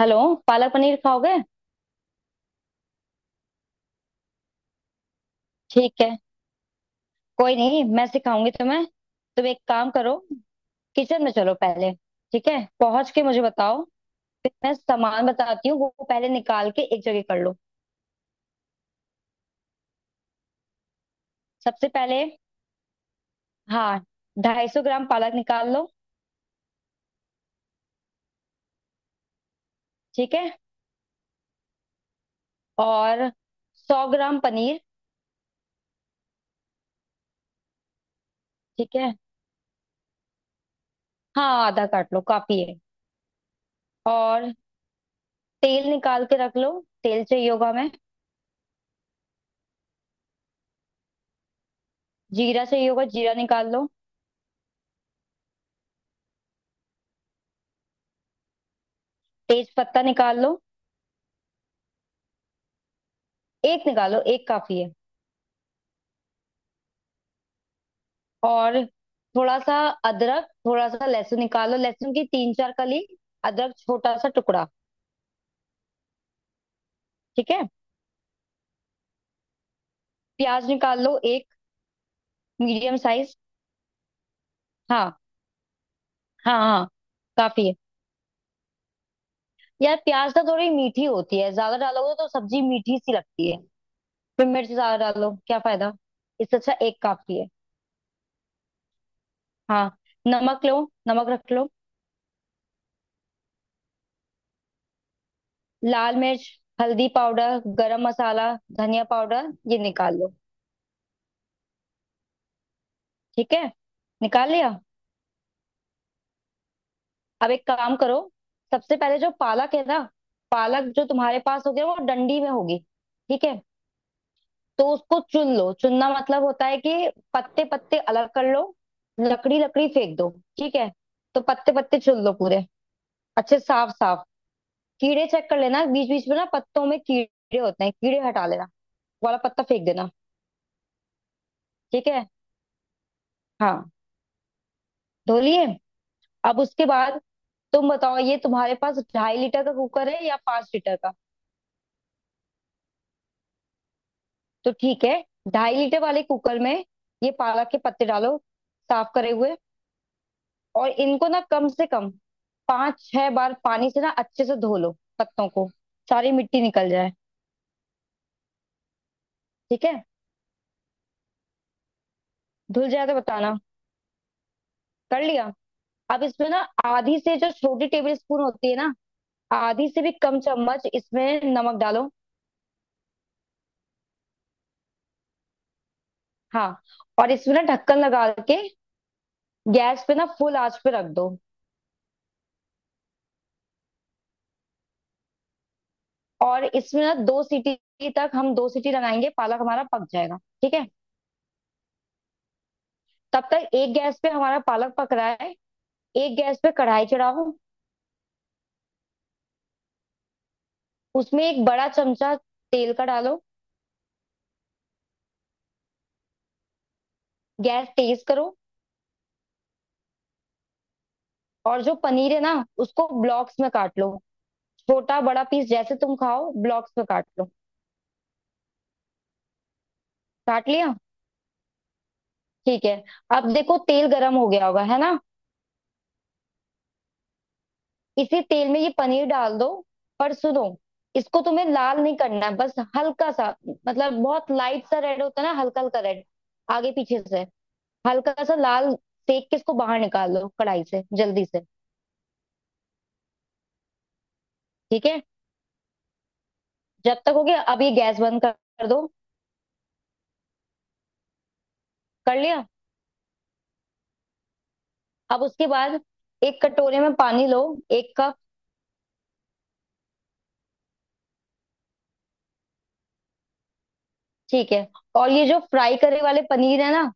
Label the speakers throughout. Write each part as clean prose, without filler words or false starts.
Speaker 1: Hello. Palak paneer खाओगे? ठीक है, कोई नहीं, मैं सिखाऊंगी तुम्हें। तुम एक काम करो, किचन में चलो पहले। ठीक है, पहुंच के मुझे बताओ। फिर मैं सामान बताती हूँ, वो पहले निकाल के एक जगह कर लो। सबसे पहले हाँ 250 ग्राम पालक निकाल लो। ठीक है। और 100 ग्राम पनीर। ठीक है, हाँ आधा काट लो, काफी है। और तेल निकाल के रख लो, तेल चाहिए होगा हमें। जीरा चाहिए होगा, जीरा निकाल लो। तेज पत्ता निकाल लो। एक निकालो, एक काफी है। और थोड़ा सा अदरक, थोड़ा सा लहसुन निकालो। लहसुन की तीन चार कली, अदरक छोटा सा टुकड़ा। ठीक है। प्याज निकाल लो एक, मीडियम साइज। हाँ, हाँ, हाँ, काफी है। यार प्याज तो थोड़ी मीठी होती है, ज्यादा डालोगे तो सब्जी मीठी सी लगती है। फिर मिर्च ज्यादा डालो क्या फायदा। इससे अच्छा एक काफी है। हाँ, नमक लो, नमक रख लो। लाल मिर्च, हल्दी पाउडर, गरम मसाला, धनिया पाउडर, ये निकाल लो। ठीक है, निकाल लिया। अब एक काम करो। सबसे पहले जो पालक है ना, पालक जो तुम्हारे पास होगी ना, वो डंडी में होगी। ठीक है। तो उसको चुन लो, चुनना मतलब होता है कि पत्ते पत्ते अलग कर लो, लकड़ी लकड़ी फेंक दो। ठीक है। तो पत्ते पत्ते चुन लो पूरे, अच्छे साफ साफ। कीड़े चेक कर लेना, बीच बीच में ना पत्तों में कीड़े होते हैं, कीड़े हटा लेना। वो वाला पत्ता फेंक देना। ठीक है, हाँ धो लिए। अब उसके बाद तुम बताओ, ये तुम्हारे पास 2.5 लीटर का कुकर है या 5 लीटर का। तो ठीक है, 2.5 लीटर वाले कुकर में ये पालक के पत्ते डालो, साफ करे हुए। और इनको ना कम से कम पांच छह बार पानी से ना अच्छे से धो लो पत्तों को, सारी मिट्टी निकल जाए। ठीक है, धुल जाए तो बताना। कर लिया। अब इसमें ना आधी से जो छोटी टेबल स्पून होती है ना, आधी से भी कम चम्मच इसमें नमक डालो। हाँ, और इसमें ना ढक्कन लगा के गैस पे ना फुल आंच पे रख दो। और इसमें ना दो सीटी तक, हम दो सीटी लगाएंगे, पालक हमारा पक जाएगा। ठीक है। तब तक एक गैस पे हमारा पालक पक रहा है, एक गैस पे कढ़ाई चढ़ाओ। उसमें एक बड़ा चमचा तेल का डालो। गैस तेज करो। और जो पनीर है ना, उसको ब्लॉक्स में काट लो। छोटा बड़ा पीस जैसे तुम खाओ, ब्लॉक्स में काट लो। काट लिया, ठीक है। अब देखो तेल गरम हो गया होगा, है ना। इसी तेल में ये पनीर डाल दो। पर सुनो, इसको तुम्हें लाल नहीं करना है, बस हल्का सा। मतलब बहुत लाइट सा रेड होता है ना, हल्का हल्का रेड, आगे पीछे से। हल्का सा लाल सेक के इसको बाहर निकाल लो कढ़ाई से जल्दी से। ठीक है, जब तक हो गया अब ये गैस बंद कर कर दो कर लिया। अब उसके बाद एक कटोरे में पानी लो, एक कप। ठीक है, और ये जो फ्राई करे वाले पनीर है ना,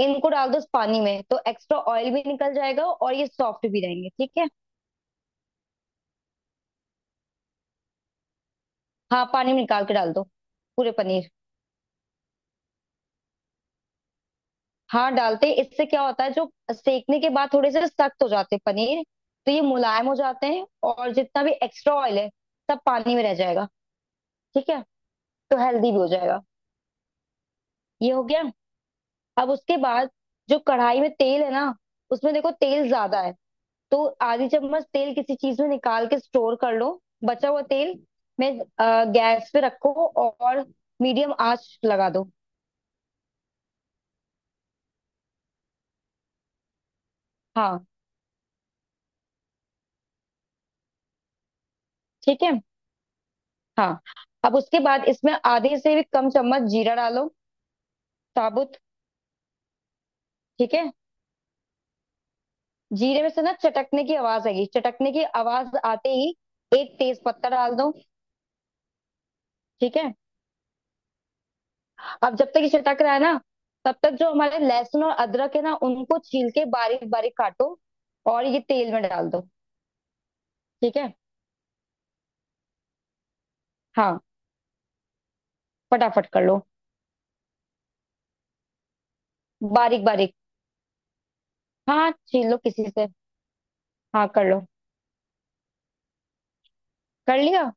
Speaker 1: इनको डाल दो उस पानी में, तो एक्स्ट्रा ऑयल भी निकल जाएगा और ये सॉफ्ट भी रहेंगे। ठीक है, हाँ पानी में निकाल के डाल दो, पूरे पनीर। हाँ डालते हैं। इससे क्या होता है जो सेकने के बाद थोड़े से सख्त हो जाते हैं पनीर, तो ये मुलायम हो जाते हैं, और जितना भी एक्स्ट्रा ऑयल है सब पानी में रह जाएगा। ठीक है, तो हेल्दी भी हो जाएगा। ये हो गया। अब उसके बाद जो कढ़ाई में तेल है ना, उसमें देखो तेल ज्यादा है, तो आधी चम्मच तेल किसी चीज में निकाल के स्टोर कर लो, बचा हुआ तेल में गैस पे रखो और मीडियम आंच लगा दो। हाँ ठीक है हाँ। अब उसके बाद इसमें आधे से भी कम चम्मच जीरा डालो, साबुत। ठीक है। जीरे में से ना चटकने की आवाज आएगी, चटकने की आवाज आते ही एक तेज पत्ता डाल दो। ठीक है। अब जब तक ये चटक रहा है ना, तब तक जो हमारे लहसुन और अदरक है ना, उनको छील के बारीक बारीक काटो और ये तेल में डाल दो। ठीक है, हाँ फटाफट कर लो। बारीक बारीक। हाँ छील लो किसी से, हाँ कर लो। कर लिया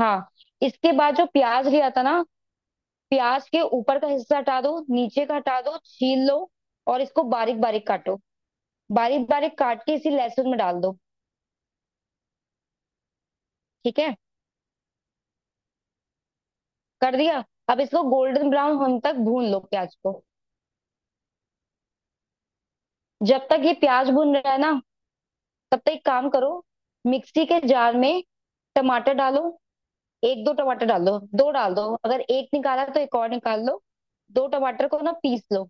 Speaker 1: हाँ। इसके बाद जो प्याज लिया था ना, प्याज के ऊपर का हिस्सा हटा दो, नीचे का हटा दो, छील लो। और इसको बारीक बारीक काटो, बारीक बारीक काट के इसी लहसुन में डाल दो। ठीक है, कर दिया। अब इसको गोल्डन ब्राउन होने तक भून लो प्याज को। जब तक ये प्याज भून रहा है ना, तब तक एक काम करो। मिक्सी के जार में टमाटर डालो। एक दो टमाटर डाल दो, दो डाल दो, अगर एक निकाला तो एक और निकाल लो। दो टमाटर को ना पीस लो।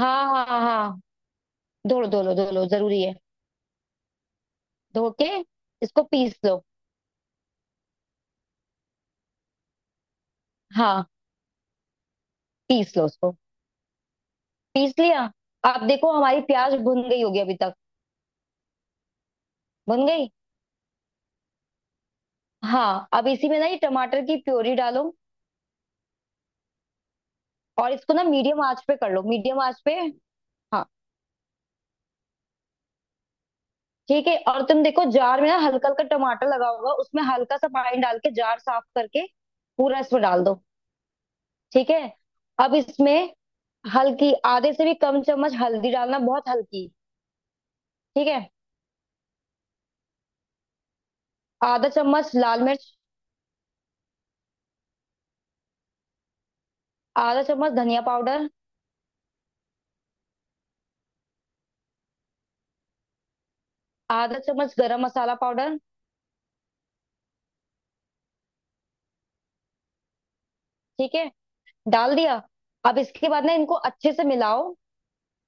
Speaker 1: हाँ, हाँ, हाँ, हाँ, धो लो, धो लो, धो लो, जरूरी है। धो के इसको पीस लो। हाँ पीस लो उसको, पीस लिया। अब देखो हमारी प्याज भुन गई होगी अभी तक, भुन गई हाँ। अब इसी में ना ये टमाटर की प्योरी डालो, और इसको ना मीडियम आंच पे कर लो, मीडियम आंच पे। हाँ ठीक है। और तुम देखो जार में ना हल्का हल्का टमाटर लगा होगा, उसमें हल्का सा पानी डाल के जार साफ करके पूरा इसमें डाल दो। ठीक है। अब इसमें हल्की आधे से भी कम चम्मच हल्दी डालना, बहुत हल्की। ठीक है। आधा चम्मच लाल मिर्च, आधा चम्मच धनिया पाउडर, आधा चम्मच गरम मसाला पाउडर। ठीक है, डाल दिया। अब इसके बाद ना इनको अच्छे से मिलाओ,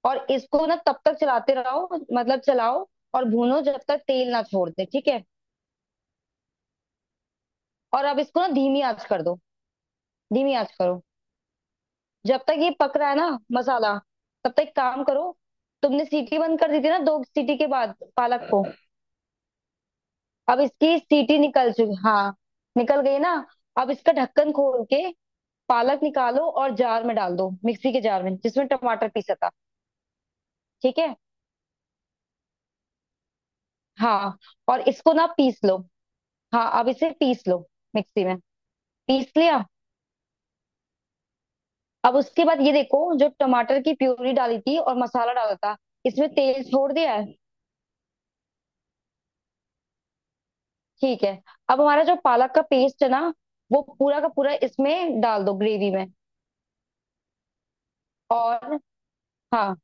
Speaker 1: और इसको ना तब तक चलाते रहो, मतलब चलाओ और भूनो जब तक तेल ना छोड़ दे। ठीक है। और अब इसको ना धीमी आंच कर दो, धीमी आंच करो। जब तक ये पक रहा है ना मसाला, तब तक काम करो। तुमने सीटी बंद कर दी थी ना, दो सीटी के बाद पालक को। अब इसकी सीटी निकल चुकी हाँ, निकल गई ना। अब इसका ढक्कन खोल के पालक निकालो, और जार में डाल दो, मिक्सी के जार में जिसमें टमाटर पीसा था। ठीक है, हाँ। और इसको ना पीस लो, हाँ अब इसे पीस लो, मिक्सी में। पीस लिया। अब उसके बाद ये देखो, जो टमाटर की प्यूरी डाली थी और मसाला डाला था, इसमें तेल छोड़ दिया है। ठीक है। अब हमारा जो पालक का पेस्ट है ना, वो पूरा का पूरा इसमें डाल दो, ग्रेवी में। और हाँ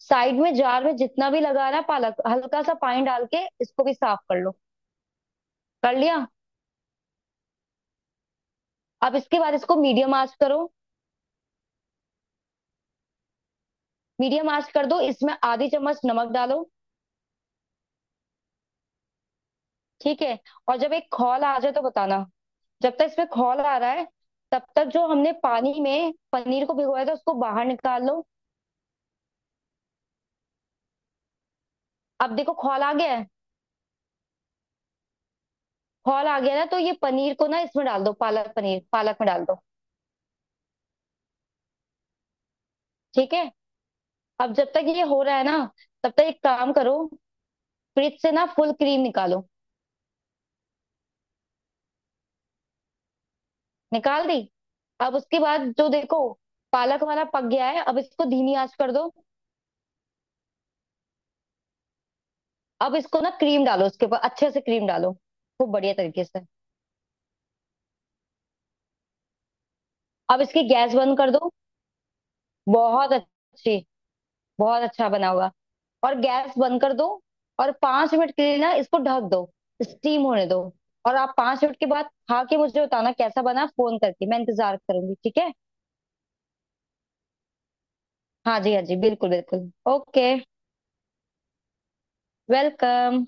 Speaker 1: साइड में जार में जितना भी लगा रहा है पालक, हल्का सा पानी डाल के इसको भी साफ कर लो। कर लिया। अब इसके बाद इसको मीडियम आंच करो, मीडियम आंच कर दो। इसमें आधी चम्मच नमक डालो। ठीक है, और जब एक खौल आ जाए तो बताना। जब तक इसमें खौल आ रहा है, तब तक जो हमने पानी में पनीर को भिगोया था उसको बाहर निकाल लो। अब देखो खौल आ गया है, खौल आ गया ना, तो ये पनीर को ना इसमें डाल दो, पालक पनीर, पालक में डाल दो। ठीक है। अब जब तक ये हो रहा है ना, तब तक एक काम करो। फ्रिज से ना फुल क्रीम निकालो। निकाल दी। अब उसके बाद जो देखो पालक हमारा पक गया है, अब इसको धीमी आंच कर दो। अब इसको ना क्रीम डालो उसके ऊपर, अच्छे से क्रीम डालो खूब बढ़िया तरीके से। अब इसकी गैस बंद कर दो। बहुत अच्छी, बहुत अच्छा बना होगा। और गैस बंद कर दो, और 5 मिनट के लिए ना इसको ढक दो, स्टीम होने दो। और आप 5 मिनट के बाद खा के मुझे बताना कैसा बना, फोन करके मैं इंतजार करूंगी, ठीक है। हाँ जी हाँ जी, बिल्कुल बिल्कुल। ओके। वेलकम।